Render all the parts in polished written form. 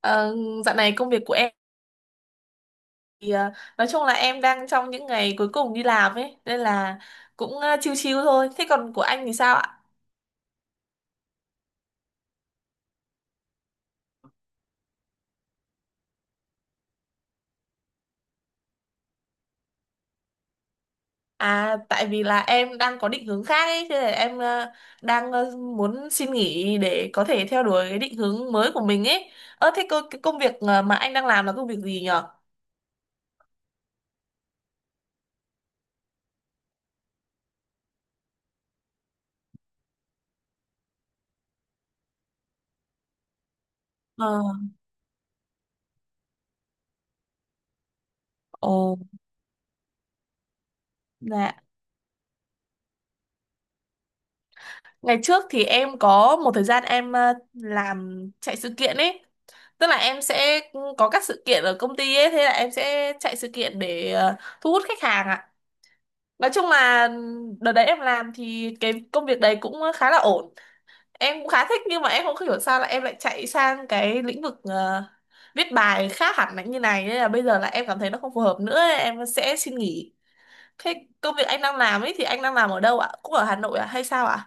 Ờ, Dạo này công việc của em thì nói chung là em đang trong những ngày cuối cùng đi làm ấy nên là cũng chill chill thôi. Thế còn của anh thì sao ạ? À, tại vì là em đang có định hướng khác ấy, thế là em đang muốn xin nghỉ để có thể theo đuổi cái định hướng mới của mình ấy. Ơ thế cái công việc mà anh đang làm là công việc gì nhở? Ờ. Ồ. Dạ. Ngày trước thì em có một thời gian em làm chạy sự kiện ấy. Tức là em sẽ có các sự kiện ở công ty ấy, thế là em sẽ chạy sự kiện để thu hút khách hàng ạ. Nói chung là đợt đấy em làm thì cái công việc đấy cũng khá là ổn. Em cũng khá thích nhưng mà em không hiểu sao là em lại chạy sang cái lĩnh vực viết bài khác hẳn là như này nên là bây giờ là em cảm thấy nó không phù hợp nữa, em sẽ xin nghỉ. Thế công việc anh đang làm ấy thì anh đang làm ở đâu ạ? Cũng ở Hà Nội à hay sao ạ?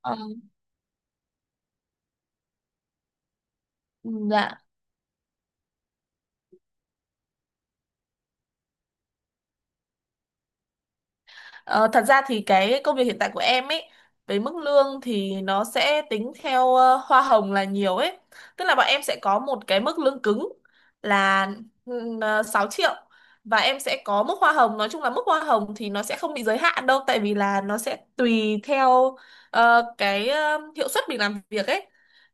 Ờ. Ừ, dạ. Ờ, Thật ra thì cái công việc hiện tại của em ấy với mức lương thì nó sẽ tính theo hoa hồng là nhiều ấy. Tức là bọn em sẽ có một cái mức lương cứng là 6 triệu, và em sẽ có mức hoa hồng, nói chung là mức hoa hồng thì nó sẽ không bị giới hạn đâu tại vì là nó sẽ tùy theo cái hiệu suất mình làm việc ấy.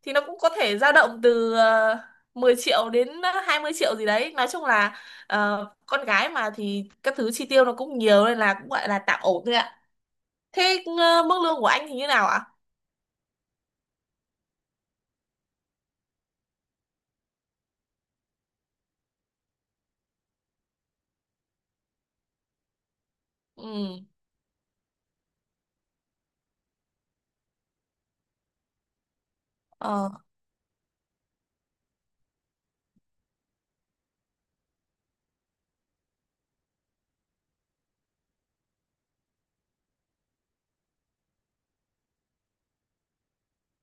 Thì nó cũng có thể dao động từ 10 triệu đến 20 triệu gì đấy. Nói chung là ờ, con gái mà thì các thứ chi tiêu nó cũng nhiều nên là cũng gọi là tạm ổn thôi ạ. Thế mức lương của anh thì như nào ạ? Ừ. Ờ.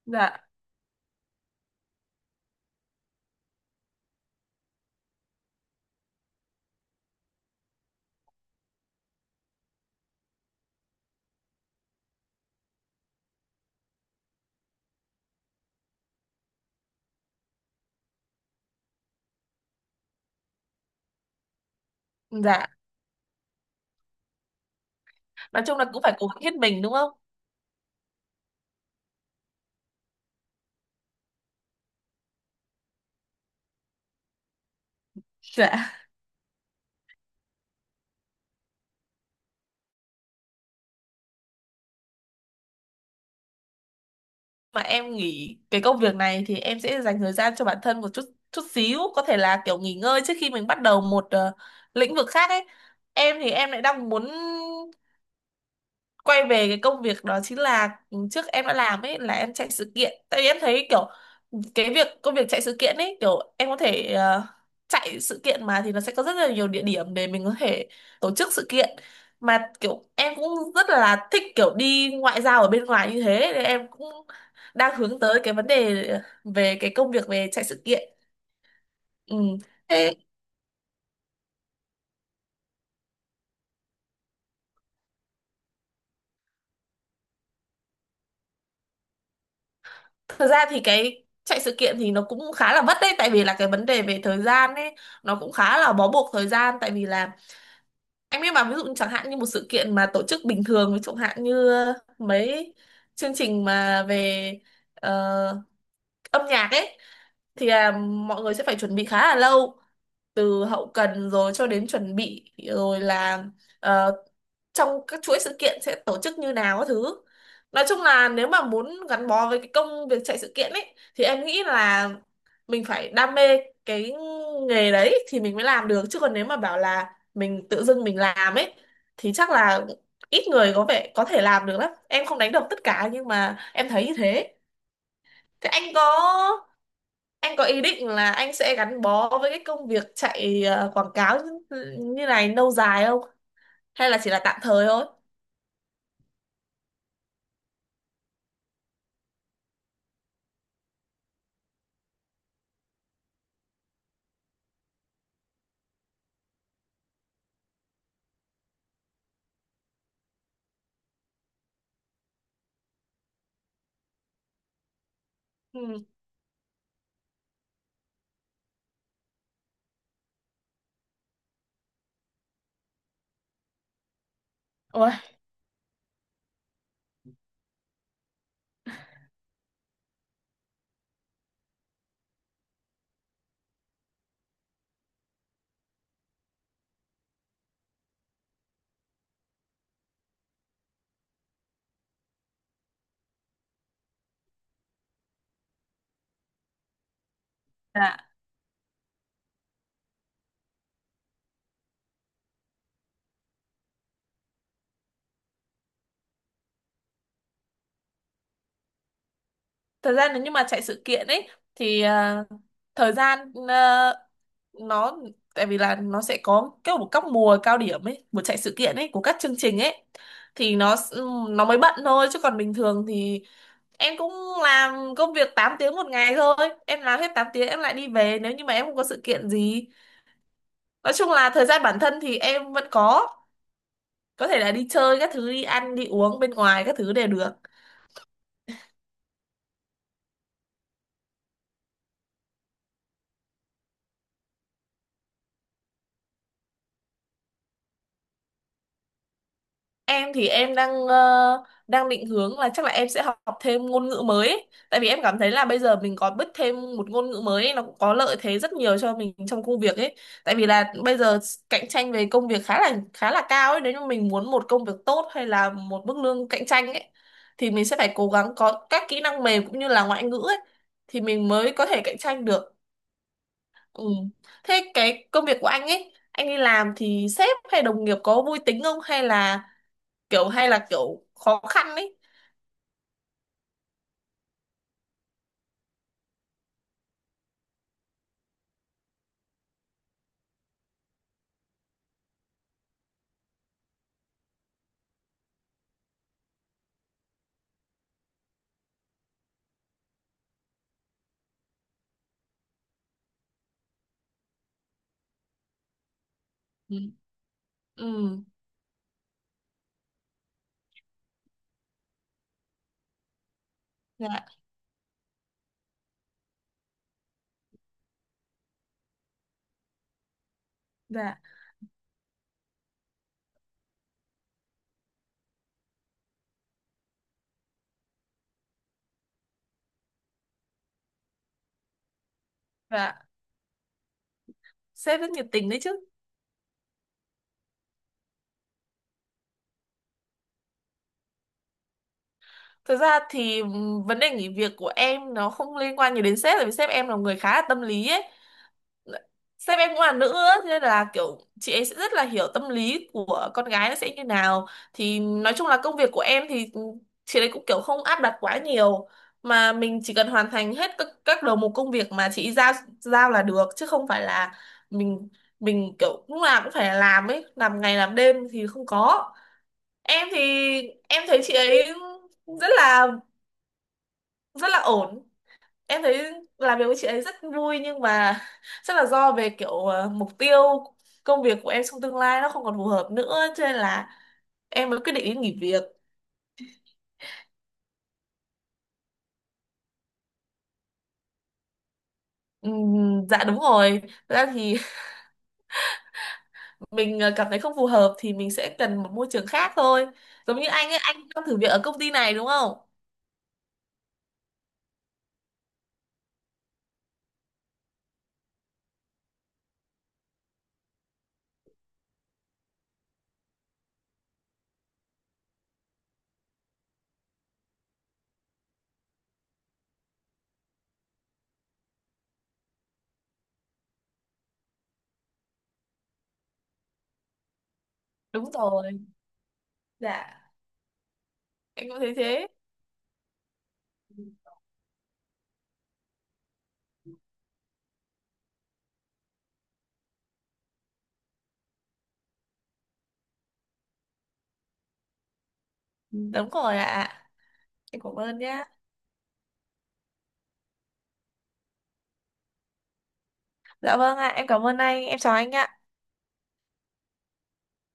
Dạ. Dạ. Nói chung là cũng phải cố gắng hết mình đúng không? Dạ. Mà em nghỉ cái công việc này thì em sẽ dành thời gian cho bản thân một chút chút xíu, có thể là kiểu nghỉ ngơi trước khi mình bắt đầu một lĩnh vực khác ấy. Em thì em lại đang muốn quay về cái công việc đó, chính là trước em đã làm ấy là em chạy sự kiện, tại vì em thấy kiểu cái công việc chạy sự kiện ấy, kiểu em có thể chạy sự kiện mà thì nó sẽ có rất là nhiều địa điểm để mình có thể tổ chức sự kiện, mà kiểu em cũng rất là thích kiểu đi ngoại giao ở bên ngoài như thế nên em cũng đang hướng tới cái vấn đề về cái công việc về chạy sự kiện. Ừ. Thế thật ra thì cái chạy sự kiện thì nó cũng khá là vất đấy, tại vì là cái vấn đề về thời gian ấy nó cũng khá là bó buộc thời gian. Tại vì là anh biết mà, ví dụ chẳng hạn như một sự kiện mà tổ chức bình thường, ví dụ hạn như mấy chương trình mà về ờ, âm nhạc ấy thì mọi người sẽ phải chuẩn bị khá là lâu, từ hậu cần rồi cho đến chuẩn bị rồi là ờ, trong các chuỗi sự kiện sẽ tổ chức như nào các thứ. Nói chung là nếu mà muốn gắn bó với cái công việc chạy sự kiện ấy thì em nghĩ là mình phải đam mê cái nghề đấy thì mình mới làm được, chứ còn nếu mà bảo là mình tự dưng mình làm ấy thì chắc là ít người có vẻ có thể làm được lắm. Em không đánh đồng tất cả nhưng mà em thấy như thế. Thế anh có ý định là anh sẽ gắn bó với cái công việc chạy quảng cáo như này lâu dài không? Hay là chỉ là tạm thời thôi? Ừ. Ôi. Dạ. Thời gian nếu như mà chạy sự kiện ấy thì thời gian nó, tại vì là nó sẽ có cái một các mùa cao điểm ấy, mùa chạy sự kiện ấy của các chương trình ấy thì nó mới bận thôi, chứ còn bình thường thì em cũng làm công việc 8 tiếng một ngày thôi, em làm hết 8 tiếng em lại đi về nếu như mà em không có sự kiện gì. Nói chung là thời gian bản thân thì em vẫn có thể là đi chơi các thứ, đi ăn đi uống bên ngoài các thứ đều được. Em thì em đang định hướng là chắc là em sẽ học thêm ngôn ngữ mới ấy. Tại vì em cảm thấy là bây giờ mình có biết thêm một ngôn ngữ mới ấy, nó cũng có lợi thế rất nhiều cho mình trong công việc ấy. Tại vì là bây giờ cạnh tranh về công việc khá là cao ấy, nếu như mình muốn một công việc tốt hay là một mức lương cạnh tranh ấy thì mình sẽ phải cố gắng có các kỹ năng mềm cũng như là ngoại ngữ ấy thì mình mới có thể cạnh tranh được. Ừ. Thế cái công việc của anh ấy, anh đi làm thì sếp hay đồng nghiệp có vui tính không hay là kiểu khó khăn ấy? Ừ. Ừ. Dạ. Dạ. Dạ. Sếp rất nhiệt tình đấy chứ. Thực ra thì vấn đề nghỉ việc của em nó không liên quan nhiều đến sếp, tại vì sếp em là người khá là tâm lý ấy. Sếp em cũng là nữ á, thế nên là kiểu chị ấy sẽ rất là hiểu tâm lý của con gái nó sẽ như nào. Thì nói chung là công việc của em thì chị ấy cũng kiểu không áp đặt quá nhiều, mà mình chỉ cần hoàn thành hết các đầu mục công việc mà chị ấy giao giao là được, chứ không phải là mình mình kiểu lúc nào cũng phải làm ấy, làm ngày làm đêm thì không có. Em thì em thấy chị ấy rất là rất là ổn, em thấy làm việc với chị ấy rất vui nhưng mà chắc là do về kiểu mục tiêu công việc của em trong tương lai nó không còn phù hợp nữa cho nên là em mới quyết định đi nghỉ việc. Dạ đúng rồi. Thật ra thì mình cảm thấy không phù hợp thì mình sẽ cần một môi trường khác thôi, giống như anh ấy anh đang thử việc ở công ty này đúng không. Đúng rồi. Dạ. Em cũng thấy thế. Ừ, đúng rồi ạ, em cảm ơn nhá. Dạ vâng ạ, em cảm ơn anh, em chào anh ạ.